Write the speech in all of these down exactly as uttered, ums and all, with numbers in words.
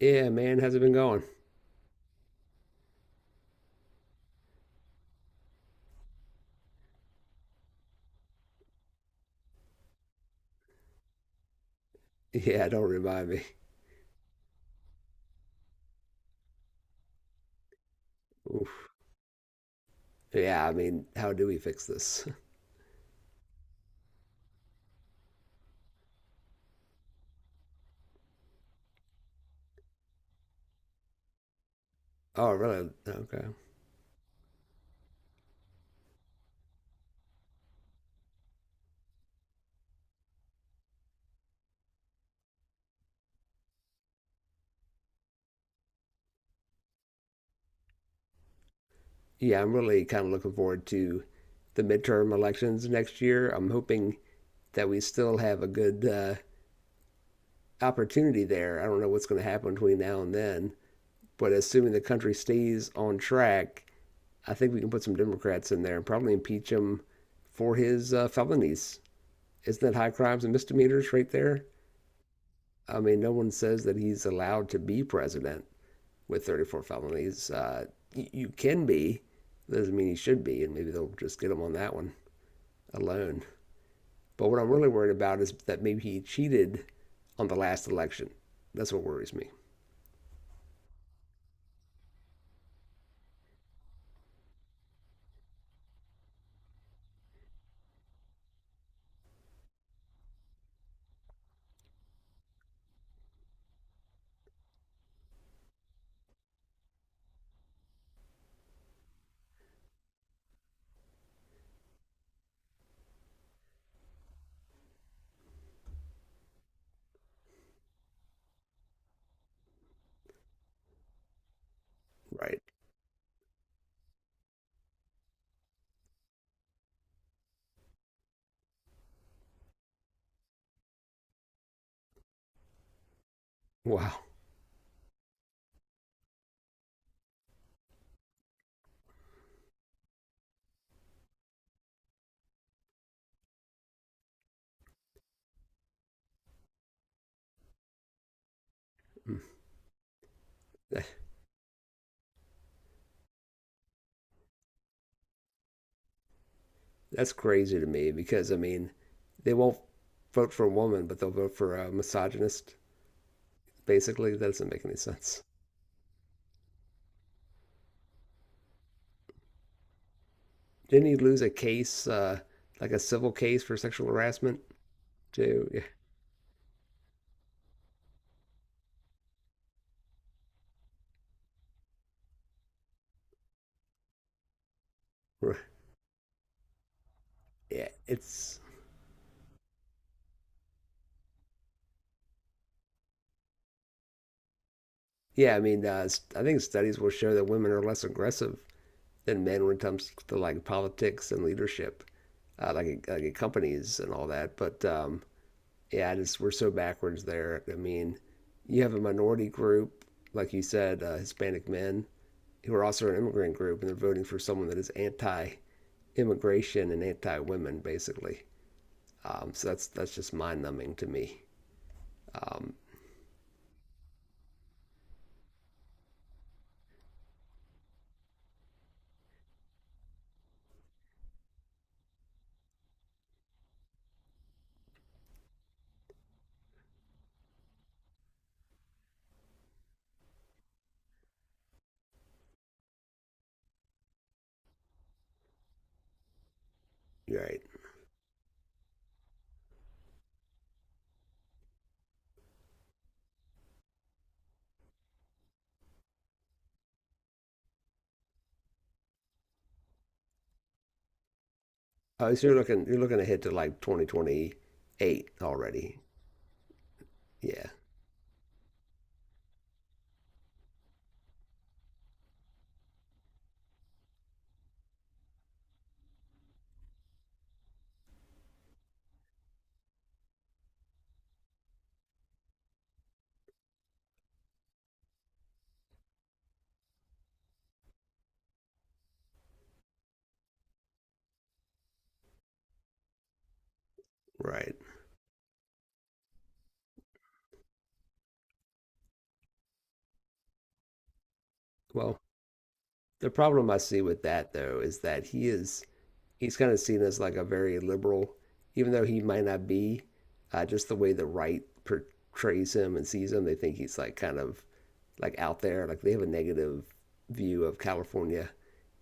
Yeah, man, how's it been going? Yeah, don't remind me. Oof. Yeah, I mean, how do we fix this? Oh, really? Okay. Yeah, I'm really kind of looking forward to the midterm elections next year. I'm hoping that we still have a good uh, opportunity there. I don't know what's going to happen between now and then, but assuming the country stays on track, I think we can put some Democrats in there and probably impeach him for his uh, felonies. Isn't that high crimes and misdemeanors right there? I mean, no one says that he's allowed to be president with thirty-four felonies. Uh, you can be, doesn't mean he should be, and maybe they'll just get him on that one alone. But what I'm really worried about is that maybe he cheated on the last election. That's what worries me. Right. Wow. Mm. That's crazy to me because, I mean, they won't vote for a woman, but they'll vote for a misogynist, basically. That doesn't make any sense. Didn't he lose a case, uh, like a civil case for sexual harassment, too? Yeah. Yeah, it's yeah. I mean, uh, s- I think studies will show that women are less aggressive than men when it comes to like politics and leadership, uh, like like in companies and all that. But um, yeah, I just we're so backwards there. I mean, you have a minority group, like you said, uh, Hispanic men who are also an immigrant group, and they're voting for someone that is anti-immigration and anti-women, basically. Um, so that's that's just mind-numbing to me. Um, right. Oh, so you're looking you're looking ahead to like twenty twenty-eight already. Yeah, right. Well, the problem I see with that though is that he is he's kind of seen as like a very liberal, even though he might not be. Uh, just the way the right portrays him and sees him, they think he's like kind of like out there. Like they have a negative view of California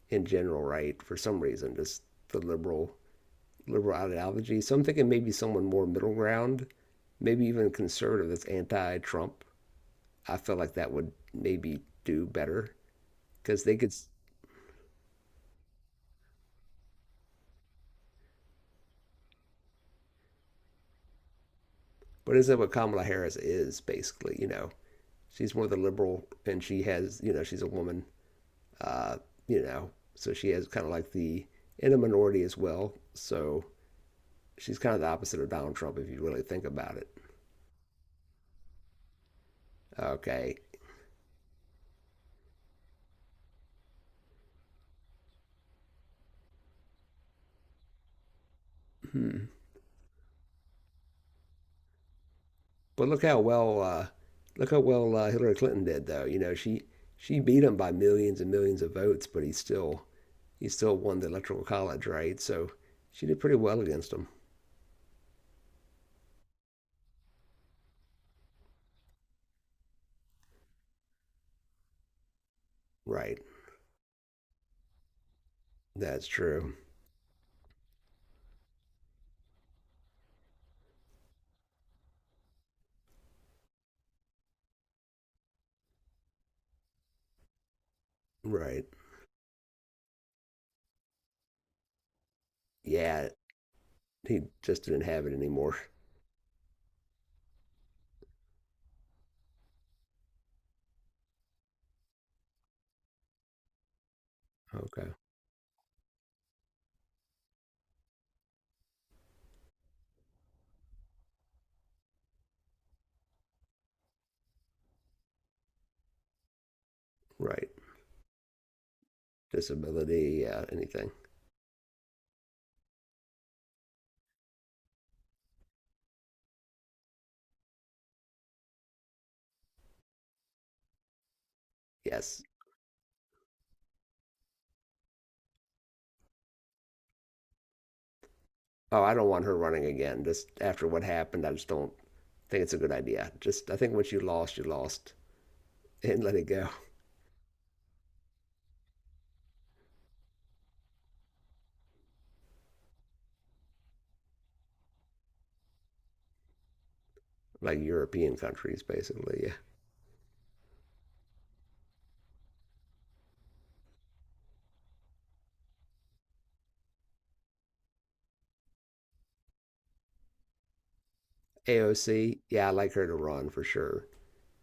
in general, right? For some reason, just the liberal liberal ideology. So I'm thinking maybe someone more middle ground, maybe even conservative that's anti-Trump. I felt like that would maybe do better because they could. But isn't that what Kamala Harris is basically? You know, she's more of the liberal, and she has, you know, she's a woman. Uh, you know, so she has kind of like the in a minority as well. So she's kind of the opposite of Donald Trump if you really think about it. Okay. Hmm. But look how well uh, look how well uh, Hillary Clinton did though. You know, she she beat him by millions and millions of votes, but he still he still won the electoral college, right? So she did pretty well against him. Right. That's true. Right. Yeah. He just didn't have it anymore. Okay. Right. Disability, uh, anything. Yes. Oh, I don't want her running again. Just after what happened, I just don't think it's a good idea. Just, I think once you lost, you lost and let it go. Like European countries, basically. Yeah. A O C, yeah, I like her to run for sure.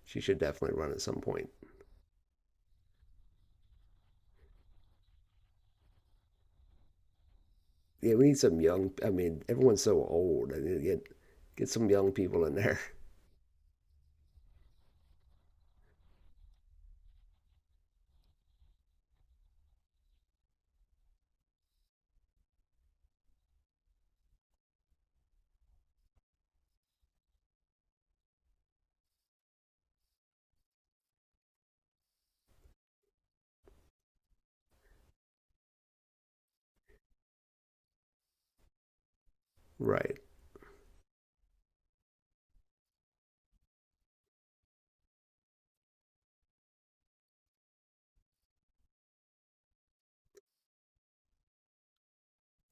She should definitely run at some point. Yeah, we need some young. I mean, everyone's so old. I mean, get get some young people in there. Right?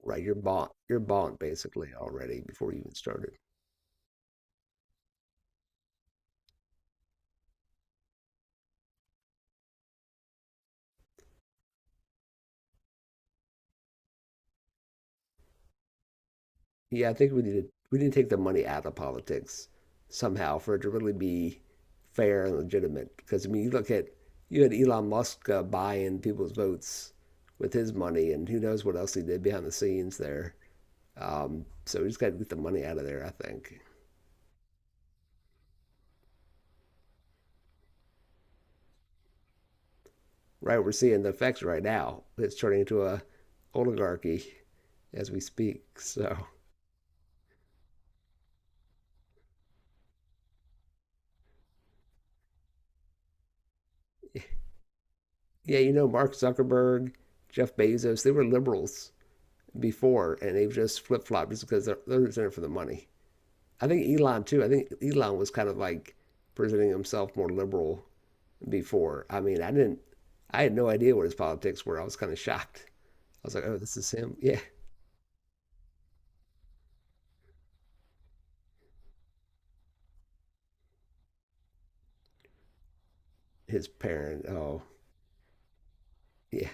Right. You're bought. You're bought basically already before you even started. Yeah, I think we need to we need to take the money out of politics somehow for it to really be fair and legitimate. Because I mean, you look at you had Elon Musk uh, buying people's votes with his money, and who knows what else he did behind the scenes there. Um, so we just got to get the money out of there, I think. Right, we're seeing the effects right now. It's turning into a oligarchy as we speak. So yeah, you know, Mark Zuckerberg, Jeff Bezos, they were liberals before, and they've just flip-flopped just because they're, they're in it for the money. I think Elon too. I think elon was kind of like presenting himself more liberal before. I mean, I didn't, I had no idea what his politics were. I was kind of shocked. I was like, oh, this is him. Yeah, his parent, oh yeah.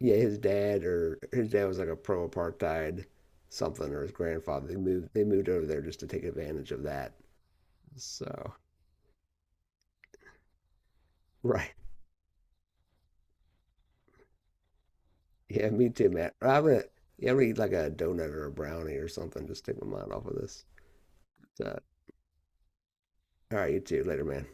Yeah, his dad or his dad was like a pro apartheid something, or his grandfather. They moved they moved over there just to take advantage of that. So right. Yeah, me too, Matt. I'm gonna yeah, I'm gonna eat like a donut or a brownie or something, just take my mind off of this. So, all right, you too. Later, man.